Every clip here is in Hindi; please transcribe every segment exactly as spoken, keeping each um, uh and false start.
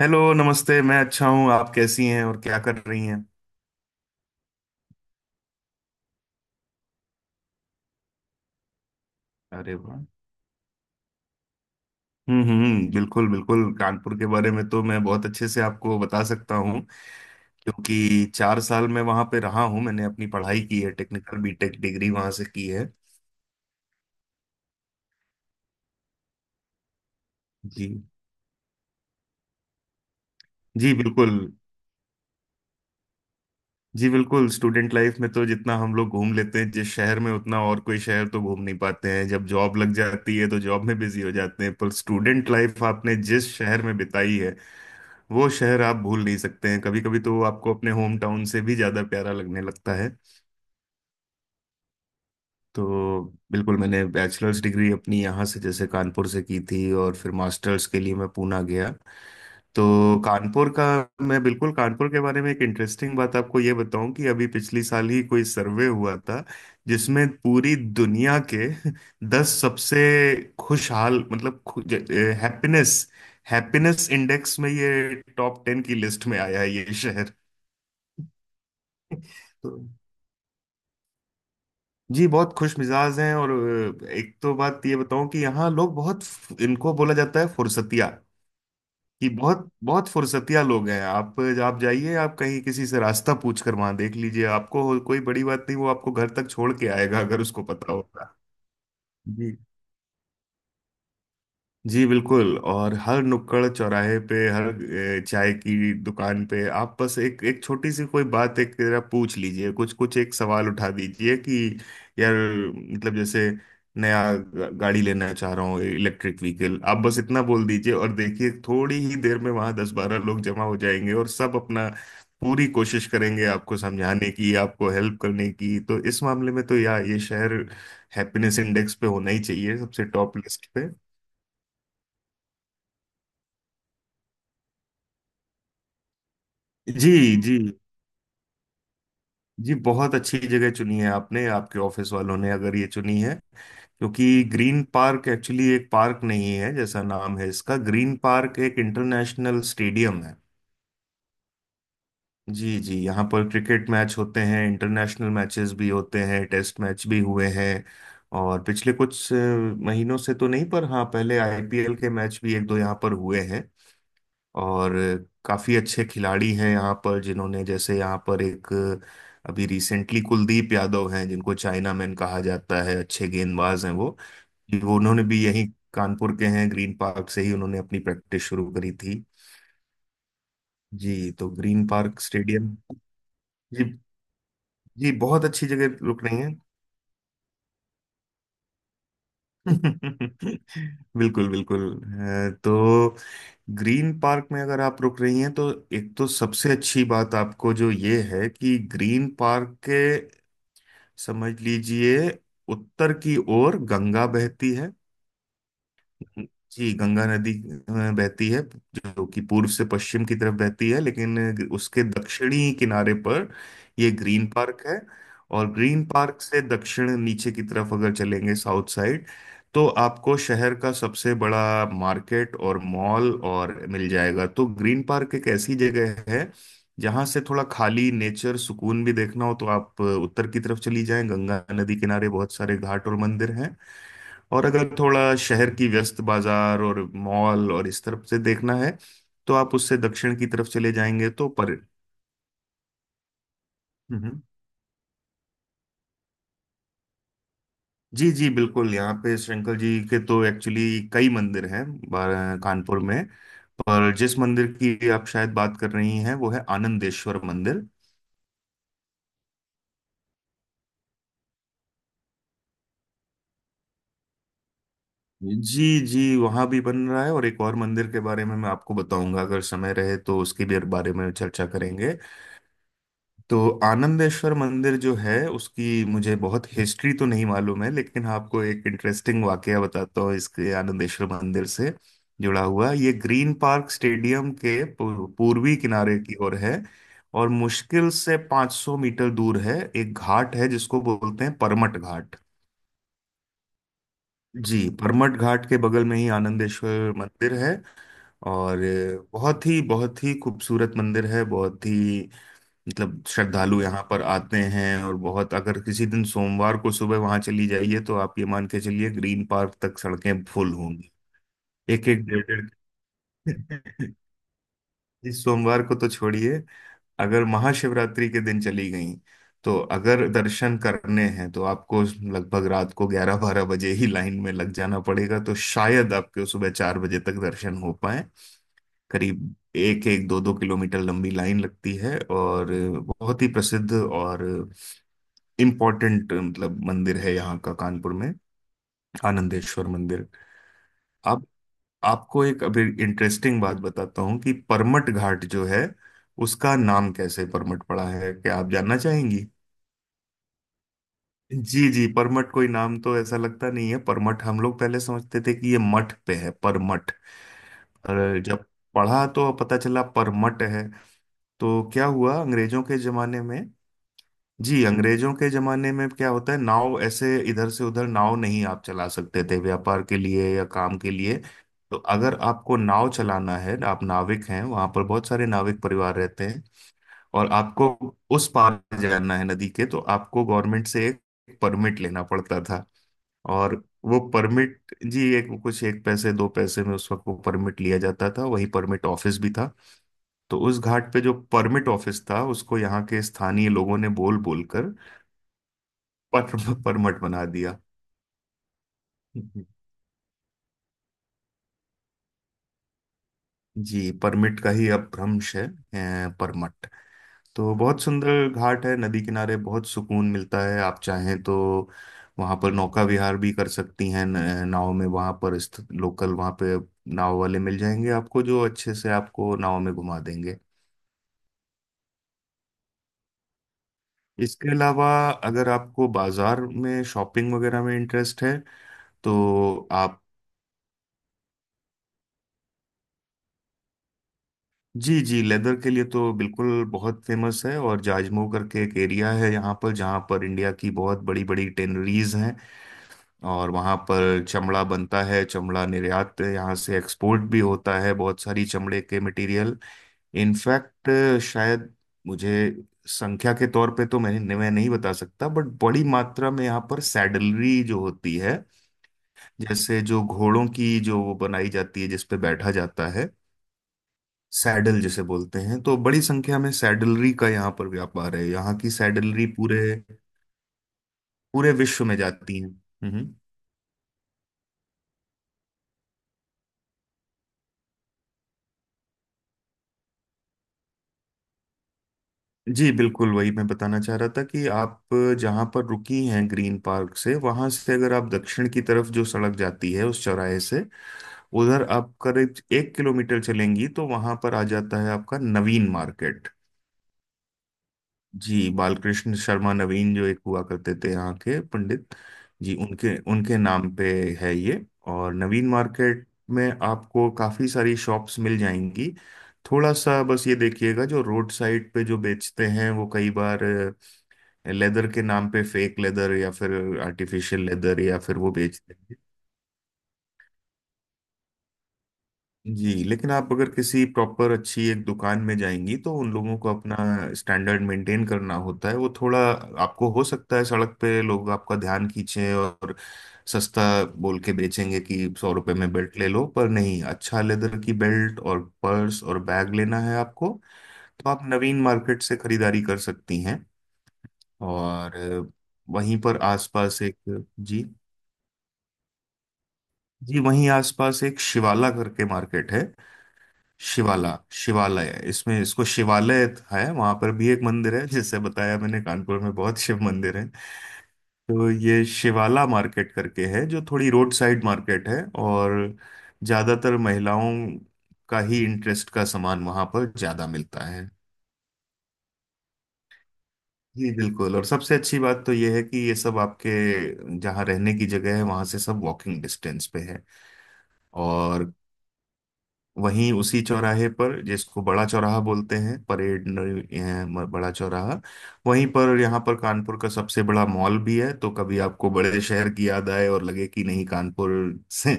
हेलो, नमस्ते। मैं अच्छा हूँ। आप कैसी हैं और क्या कर रही हैं? अरे वाह। हम्म हम्म, बिल्कुल बिल्कुल, कानपुर के बारे में तो मैं बहुत अच्छे से आपको बता सकता हूँ, क्योंकि चार साल मैं वहाँ पे रहा हूँ। मैंने अपनी पढ़ाई की है, टेक्निकल बीटेक डिग्री वहाँ से की है। जी जी बिल्कुल। जी बिल्कुल, स्टूडेंट लाइफ में तो जितना हम लोग घूम लेते हैं जिस शहर में, उतना और कोई शहर तो घूम नहीं पाते हैं। जब जॉब लग जाती है तो जॉब में बिजी हो जाते हैं, पर स्टूडेंट लाइफ आपने जिस शहर में बिताई है, वो शहर आप भूल नहीं सकते हैं। कभी कभी तो वो आपको अपने होम टाउन से भी ज्यादा प्यारा लगने लगता है। तो बिल्कुल, मैंने बैचलर्स डिग्री अपनी यहाँ से, जैसे कानपुर से की थी, और फिर मास्टर्स के लिए मैं पूना गया। तो कानपुर का, मैं बिल्कुल कानपुर के बारे में एक इंटरेस्टिंग बात आपको ये बताऊं कि अभी पिछली साल ही कोई सर्वे हुआ था जिसमें पूरी दुनिया के दस सबसे खुशहाल, मतलब हैप्पीनेस, हैप्पीनेस इंडेक्स में ये टॉप टेन की लिस्ट में आया है ये शहर। तो जी, बहुत खुश मिजाज हैं, और अ, एक तो बात ये बताऊं कि यहाँ लोग बहुत, इनको बोला जाता है फुर्सतिया, कि बहुत बहुत फुर्सतिया लोग हैं। आप आप जाइए, आप कहीं किसी से रास्ता पूछ कर वहां देख लीजिए, आपको कोई बड़ी बात नहीं, वो आपको घर तक छोड़ के आएगा अगर उसको पता होगा। जी जी बिल्कुल। और हर नुक्कड़ चौराहे पे, हर ए, चाय की दुकान पे, आप बस एक एक छोटी सी कोई बात, एक जरा पूछ लीजिए, कुछ कुछ एक सवाल उठा दीजिए कि यार, मतलब जैसे, नया गा- गाड़ी लेना चाह रहा हूँ इलेक्ट्रिक व्हीकल, आप बस इतना बोल दीजिए और देखिए थोड़ी ही देर में वहां दस बारह लोग जमा हो जाएंगे और सब अपना पूरी कोशिश करेंगे आपको समझाने की, आपको हेल्प करने की। तो इस मामले में तो यार, ये शहर हैप्पीनेस इंडेक्स पे होना ही चाहिए सबसे टॉप लिस्ट। जी जी जी, बहुत अच्छी जगह चुनी है आपने, आपके ऑफिस वालों ने अगर ये चुनी है, क्योंकि ग्रीन पार्क एक्चुअली एक पार्क नहीं है जैसा नाम है इसका, ग्रीन पार्क एक इंटरनेशनल स्टेडियम है। जी जी, यहाँ पर क्रिकेट मैच होते हैं, इंटरनेशनल मैचेस भी होते हैं, टेस्ट मैच भी हुए हैं। और पिछले कुछ अ, महीनों से तो नहीं, पर हाँ पहले आईपीएल के मैच भी एक दो यहाँ पर हुए हैं। और काफ़ी अच्छे खिलाड़ी हैं यहाँ पर, जिन्होंने जैसे यहाँ पर एक, अभी रिसेंटली कुलदीप यादव हैं, जिनको चाइना मैन कहा जाता है, अच्छे गेंदबाज हैं वो। वो उन्होंने भी यहीं, कानपुर के हैं, ग्रीन पार्क से ही उन्होंने अपनी प्रैक्टिस शुरू करी थी। जी तो ग्रीन पार्क स्टेडियम। जी जी, बहुत अच्छी जगह रुक रही हैं। बिल्कुल बिल्कुल। अ, तो ग्रीन पार्क में अगर आप रुक रही हैं तो एक तो सबसे अच्छी बात आपको जो ये है कि ग्रीन पार्क के, समझ लीजिए उत्तर की ओर गंगा बहती है। जी गंगा नदी अ, बहती है, जो कि पूर्व से पश्चिम की तरफ बहती है, लेकिन उसके दक्षिणी किनारे पर ये ग्रीन पार्क है। और ग्रीन पार्क से दक्षिण नीचे की तरफ अगर चलेंगे, साउथ साइड, तो आपको शहर का सबसे बड़ा मार्केट और मॉल और मिल जाएगा। तो ग्रीन पार्क एक ऐसी जगह है जहां से थोड़ा खाली नेचर सुकून भी देखना हो तो आप उत्तर की तरफ चली जाएं, गंगा नदी किनारे बहुत सारे घाट और मंदिर हैं। और अगर थोड़ा शहर की व्यस्त बाजार और मॉल और इस तरफ से देखना है तो आप उससे दक्षिण की तरफ चले जाएंगे तो पर। हम्म। जी जी बिल्कुल, यहाँ पे शंकर जी के तो एक्चुअली कई मंदिर हैं बा- कानपुर में, पर जिस मंदिर की आप शायद बात कर रही हैं वो है आनंदेश्वर मंदिर। जी जी, वहाँ भी बन रहा है, और एक और मंदिर के बारे में मैं आपको बताऊंगा, अगर समय रहे तो उसके भी बारे में चर्चा करेंगे। तो आनंदेश्वर मंदिर जो है उसकी मुझे बहुत हिस्ट्री तो नहीं मालूम है, लेकिन हाँ, आपको एक इंटरेस्टिंग वाकया बताता हूँ इसके आनंदेश्वर मंदिर से जुड़ा हुआ। ये ग्रीन पार्क स्टेडियम के पू- पूर्वी किनारे की ओर है, और मुश्किल से पांच सौ मीटर दूर है। एक घाट है जिसको बोलते हैं परमट घाट। जी परमट घाट के बगल में ही आनंदेश्वर मंदिर है। और बहुत ही बहुत ही खूबसूरत मंदिर है, बहुत ही, मतलब श्रद्धालु यहाँ पर आते हैं, और बहुत, अगर किसी दिन सोमवार को सुबह वहां चली जाइए तो आप ये मान के चलिए ग्रीन पार्क तक सड़कें फुल होंगी। एक एक डेढ़ डेढ़, इस सोमवार को तो छोड़िए, अगर महाशिवरात्रि के दिन चली गई तो, अगर दर्शन करने हैं, तो आपको लगभग रात को ग्यारह बारह बजे ही लाइन में लग जाना पड़ेगा, तो शायद आपके सुबह चार बजे तक दर्शन हो पाए। करीब एक एक दो दो किलोमीटर लंबी लाइन लगती है, और बहुत ही प्रसिद्ध और इम्पोर्टेंट, मतलब मंदिर है यहाँ का कानपुर में, आनंदेश्वर मंदिर। आप, आपको एक अभी इंटरेस्टिंग बात बताता हूँ कि परमट घाट जो है, उसका नाम कैसे परमट पड़ा है, क्या आप जानना चाहेंगी? जी जी, परमठ कोई नाम तो ऐसा लगता नहीं है। परमठ हम लोग पहले समझते थे कि ये मठ पे है परमठ, पर जब पढ़ा तो पता चला परमठ है। तो क्या हुआ अंग्रेजों के जमाने में, जी अंग्रेजों के जमाने में क्या होता है, नाव ऐसे इधर से उधर नाव नहीं आप चला सकते थे व्यापार के लिए या काम के लिए। तो अगर आपको नाव चलाना है, आप नाविक हैं, वहां पर बहुत सारे नाविक परिवार रहते हैं, और आपको उस पार जाना है नदी के, तो आपको गवर्नमेंट से एक परमिट लेना पड़ता था। और वो परमिट जी एक कुछ एक पैसे दो पैसे में उस वक्त वो परमिट लिया जाता था, वही परमिट ऑफिस भी था। तो उस घाट पे जो परमिट ऑफिस था उसको यहाँ के स्थानीय लोगों ने बोल बोल कर पर, परमट बना दिया। जी परमिट का ही अब भ्रंश है अ, परमट। तो बहुत सुंदर घाट है, नदी किनारे बहुत सुकून मिलता है। आप चाहें तो वहाँ पर नौका विहार भी कर सकती हैं, न- नाव में, वहाँ पर स्थित लोकल वहाँ पे नाव वाले मिल जाएंगे आपको, जो अच्छे से आपको नाव में घुमा देंगे। इसके अलावा अगर आपको बाजार में शॉपिंग वगैरह में इंटरेस्ट है तो आप, जी जी लेदर के लिए तो बिल्कुल बहुत फेमस है, और जाजमऊ करके एक एरिया है यहाँ पर, जहाँ पर इंडिया की बहुत बड़ी बड़ी टेनरीज हैं। और वहाँ पर चमड़ा बनता है, चमड़ा निर्यात, यहाँ से एक्सपोर्ट भी होता है बहुत सारी चमड़े के मटेरियल। इनफैक्ट शायद, मुझे संख्या के तौर पे तो मैंने मैं नहीं बता सकता, बट बड़ी मात्रा में यहाँ पर सैडलरी जो होती है, जैसे जो घोड़ों की जो वो बनाई जाती है जिस पे बैठा जाता है, सैडल जिसे बोलते हैं, तो बड़ी संख्या में सैडलरी का यहाँ पर व्यापार है। यहाँ की सैडलरी पूरे पूरे विश्व में जाती हैं। हम्म। जी बिल्कुल, वही मैं बताना चाह रहा था कि आप जहाँ पर रुकी हैं ग्रीन पार्क से, वहां से अगर आप दक्षिण की तरफ जो सड़क जाती है उस चौराहे से उधर आप करीब एक किलोमीटर चलेंगी तो वहां पर आ जाता है आपका नवीन मार्केट। जी बालकृष्ण शर्मा नवीन, जो एक हुआ करते थे यहाँ के पंडित, जी उनके उनके नाम पे है ये। और नवीन मार्केट में आपको काफ़ी सारी शॉप्स मिल जाएंगी। थोड़ा सा बस ये देखिएगा जो रोड साइड पे जो बेचते हैं वो कई बार लेदर के नाम पे फेक लेदर या फिर आर्टिफिशियल लेदर या फिर वो बेचते हैं। जी लेकिन आप अगर किसी प्रॉपर अच्छी एक दुकान में जाएंगी तो उन लोगों को अपना स्टैंडर्ड मेंटेन करना होता है, वो थोड़ा। आपको हो सकता है सड़क पे लोग आपका ध्यान खींचे और सस्ता बोल के बेचेंगे कि सौ रुपए में बेल्ट ले लो, पर नहीं, अच्छा लेदर की बेल्ट और पर्स और बैग लेना है आपको तो आप नवीन मार्केट से खरीदारी कर सकती हैं। और वहीं पर आसपास एक, जी जी वहीं आसपास एक शिवाला करके मार्केट है। शिवाला, शिवालय, इसमें इसको शिवालय है, वहां पर भी एक मंदिर है, जैसे बताया मैंने कानपुर में बहुत शिव मंदिर है। तो ये शिवाला मार्केट करके है जो थोड़ी रोड साइड मार्केट है, और ज्यादातर महिलाओं का ही इंटरेस्ट का सामान वहां पर ज्यादा मिलता है। जी बिल्कुल, और सबसे अच्छी बात तो ये है कि ये सब आपके जहाँ रहने की जगह है वहां से सब वॉकिंग डिस्टेंस पे है। और वहीं उसी चौराहे पर जिसको बड़ा चौराहा बोलते हैं, परेड न- अ, बड़ा चौराहा, वहीं पर यहाँ पर कानपुर का सबसे बड़ा मॉल भी है। तो कभी आपको बड़े शहर की याद आए और लगे कि नहीं, कानपुर से,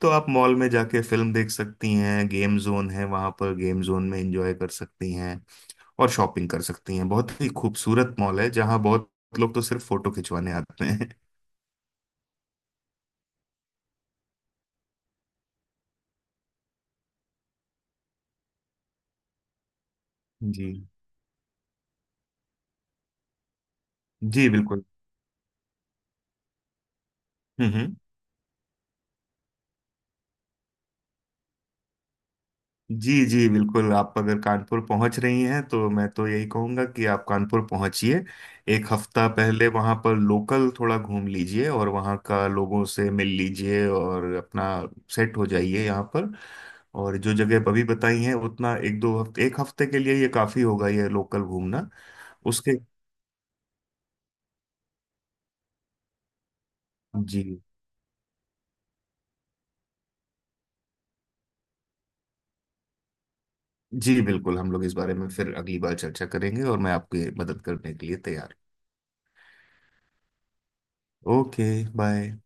तो आप मॉल में जाके फिल्म देख सकती हैं, गेम जोन है वहाँ पर, गेम जोन में एंजॉय कर सकती हैं और शॉपिंग कर सकती हैं। बहुत ही खूबसूरत मॉल है जहाँ बहुत लोग तो सिर्फ फोटो खिंचवाने आते हैं। जी जी बिल्कुल। हम्म। जी जी बिल्कुल, आप अगर कानपुर पहुंच रही हैं तो मैं तो यही कहूंगा कि आप कानपुर पहुंचिए एक हफ्ता पहले, वहां पर लोकल थोड़ा घूम लीजिए, और वहां का लोगों से मिल लीजिए और अपना सेट हो जाइए यहाँ पर। और जो जगह अभी बताई हैं, उतना एक दो हफ्ते, एक हफ्ते के लिए ये काफी होगा ये लोकल घूमना। उसके, जी जी बिल्कुल, हम लोग इस बारे में फिर अगली बार चर्चा करेंगे, और मैं आपकी मदद करने के लिए तैयार हूँ। Okay, bye.